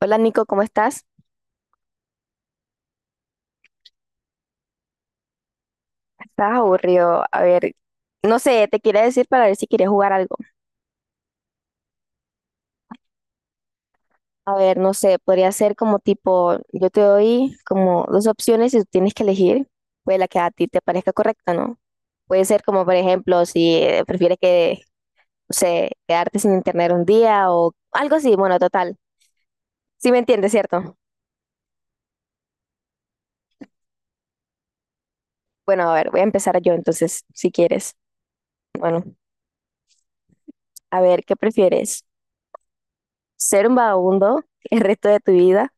Hola Nico, ¿cómo estás? Estás aburrido. A ver, no sé, te quería decir para ver si quieres jugar algo. A ver, no sé, podría ser como tipo, yo te doy como dos opciones y tú tienes que elegir, pues la que a ti te parezca correcta, ¿no? Puede ser como, por ejemplo, si prefieres que, no sé, quedarte sin internet un día o algo así, bueno, total. Sí me entiendes, ¿cierto? Bueno, a ver, voy a empezar yo entonces, si quieres. Bueno, a ver, ¿qué prefieres? ¿Ser un vagabundo el resto de tu vida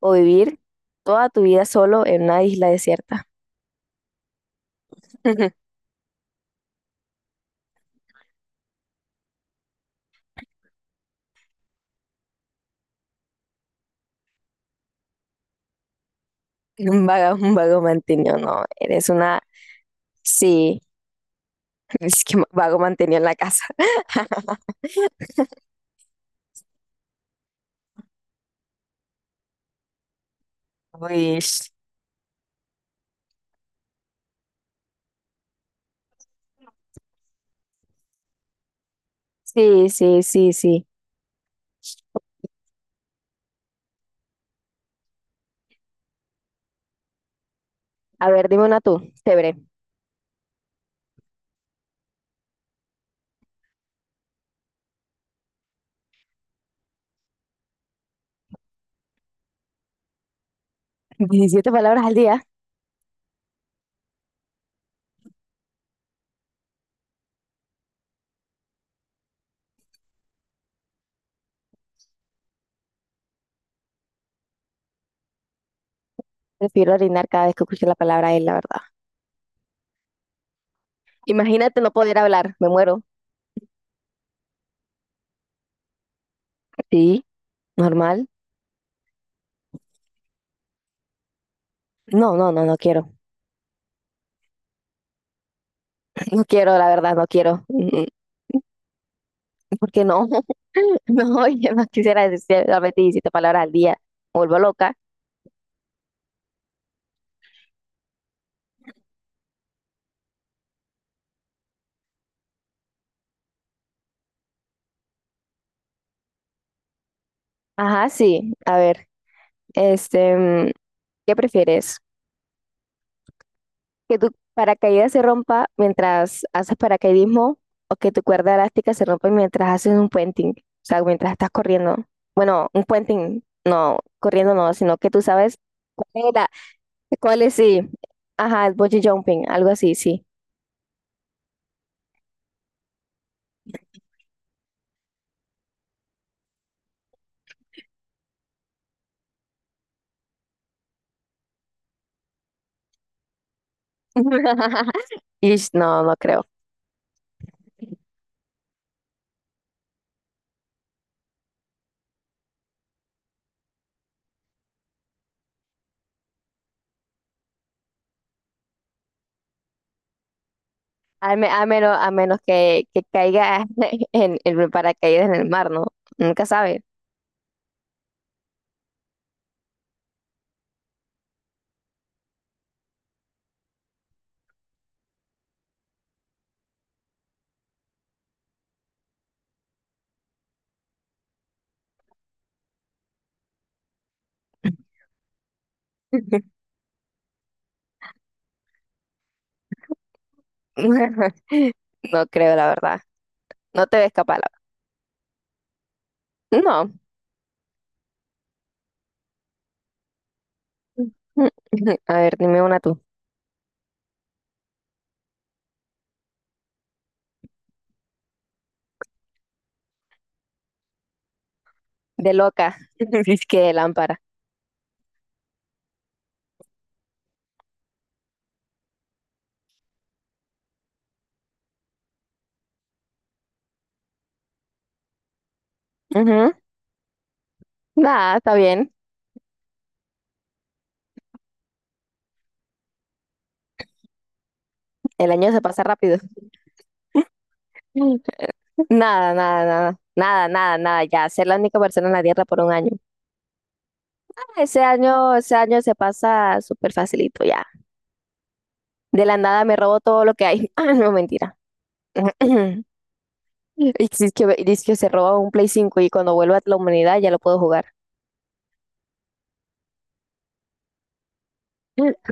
o vivir toda tu vida solo en una isla desierta? Un vago mantenido, no, eres una, sí, es que vago mantenido en la casa. Uy, sí, sí, sí, sí. A ver, dime una tú, chévere. 17 palabras al día. Prefiero orinar cada vez que escucho la palabra él, la verdad. Imagínate no poder hablar, me muero. Sí, normal. No, no, no, no quiero. No quiero, la verdad, no quiero. Porque no, no, yo no quisiera decir solamente 17 palabras al día. Me vuelvo loca. Ajá, sí. A ver, este, ¿qué prefieres? ¿Que tu paracaídas se rompa mientras haces paracaidismo o que tu cuerda elástica se rompa mientras haces un puenting? O sea, mientras estás corriendo. Bueno, un puenting, no, corriendo no, sino que tú sabes cuál es la- cuál es, sí. Ajá, el bungee jumping, algo así, sí. Ish, no, no creo. A menos, que, caiga en, paracaídas en el mar, ¿no? Nunca sabes. No creo, la verdad. No te ves capaz, la verdad. No. A ver, dime una tú. De loca. Es que de lámpara. Ujú. Nada, está bien. El año se pasa rápido. Nada, nada, nada. Nada, nada, nada. Ya, ser la única persona en la Tierra por un año. Ah, ese año se pasa súper facilito, ya. De la nada me robo todo lo que hay. Ah, no, mentira. Y dice que se roba un Play 5 y cuando vuelva a la humanidad ya lo puedo jugar.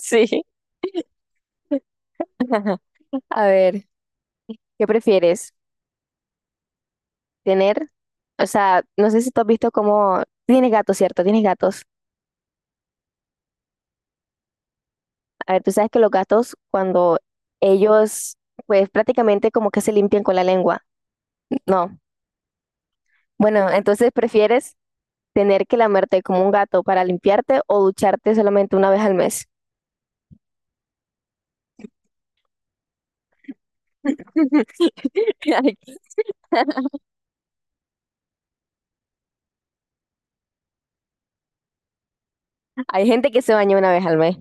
Sí. A ver, ¿qué prefieres? ¿Tener? O sea, no sé si tú has visto cómo... Tienes gatos, ¿cierto? Tienes gatos. A ver, tú sabes que los gatos cuando ellos, pues prácticamente como que se limpian con la lengua. No. Bueno, entonces prefieres tener que lamerte como un gato para limpiarte o ducharte solamente una vez al mes. Hay gente que se baña una vez al mes.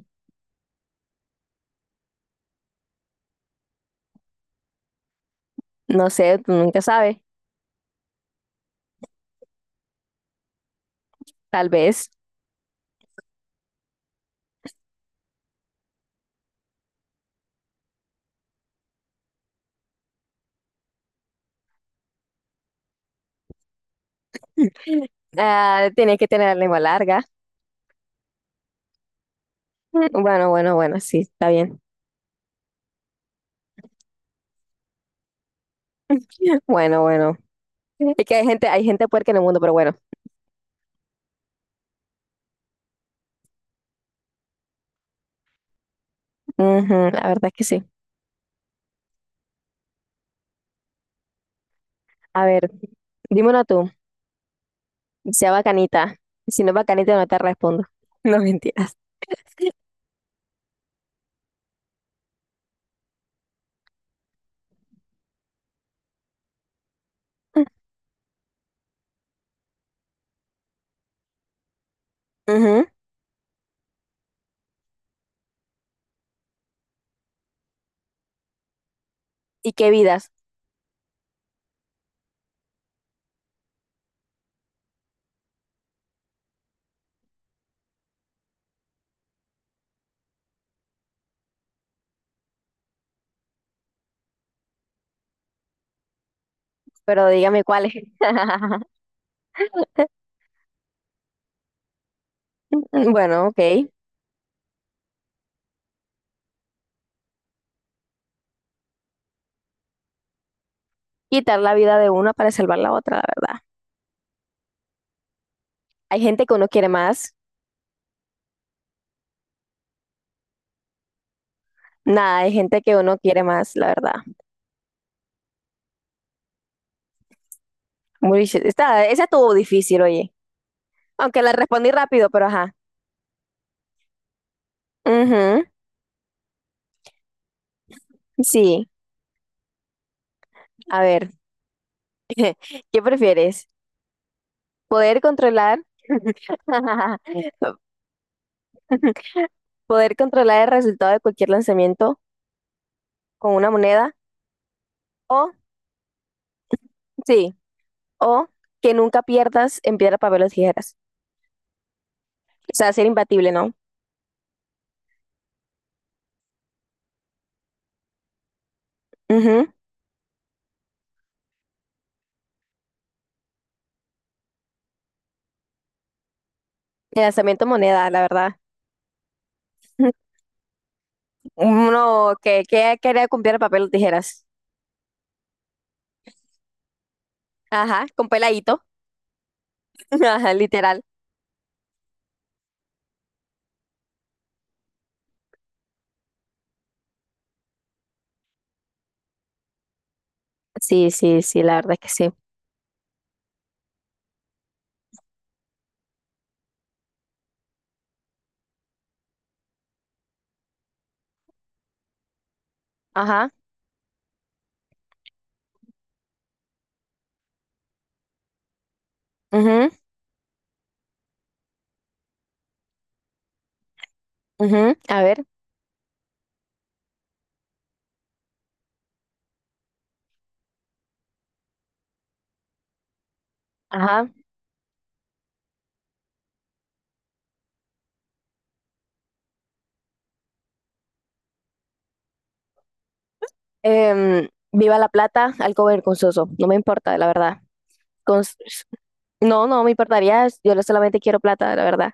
No sé, tú nunca sabes. Tal vez. Ah, tiene que tener la lengua larga. Bueno, bueno, bueno, sí, está bien. Bueno, bueno. Es que hay gente puerca en el mundo, pero bueno. Ujú, la verdad es que sí. A ver, dímelo tú. Sea bacanita. Si no es bacanita, no te respondo. No mentiras. Ujú. ¿Y qué vidas? Pero dígame cuáles. Bueno, ok. Quitar la vida de una para salvar la otra, la verdad. Hay gente que uno quiere más. Nada, hay gente que uno quiere más, la verdad. Uy, shit, esa estuvo difícil, oye. Aunque la respondí rápido, pero ajá. Ujú, sí, a ver, ¿qué prefieres? ¿Poder controlar, poder controlar el resultado de cualquier lanzamiento con una moneda? O, sí, o que nunca pierdas en piedra, papel o tijeras. O sea, ser imbatible, ¿no? Ujú, el lanzamiento moneda, la verdad. Uno que, quería con piedra, papel o tijeras. Ajá, con peladito. Ajá, literal. Sí, sí, sí, la verdad es que sí. Ajá, ujú, ujú, a ver, ajá. Viva la plata, algo vergonzoso, no me importa, la verdad. Cons- no, no me importaría, solamente quiero plata, la verdad.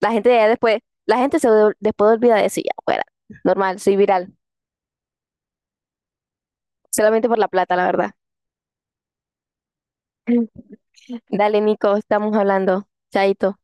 La gente ya después, la gente después olvida de eso y ya, fuera. Normal, soy viral, solamente por la plata, la verdad. Dale, Nico, estamos hablando. Chaito.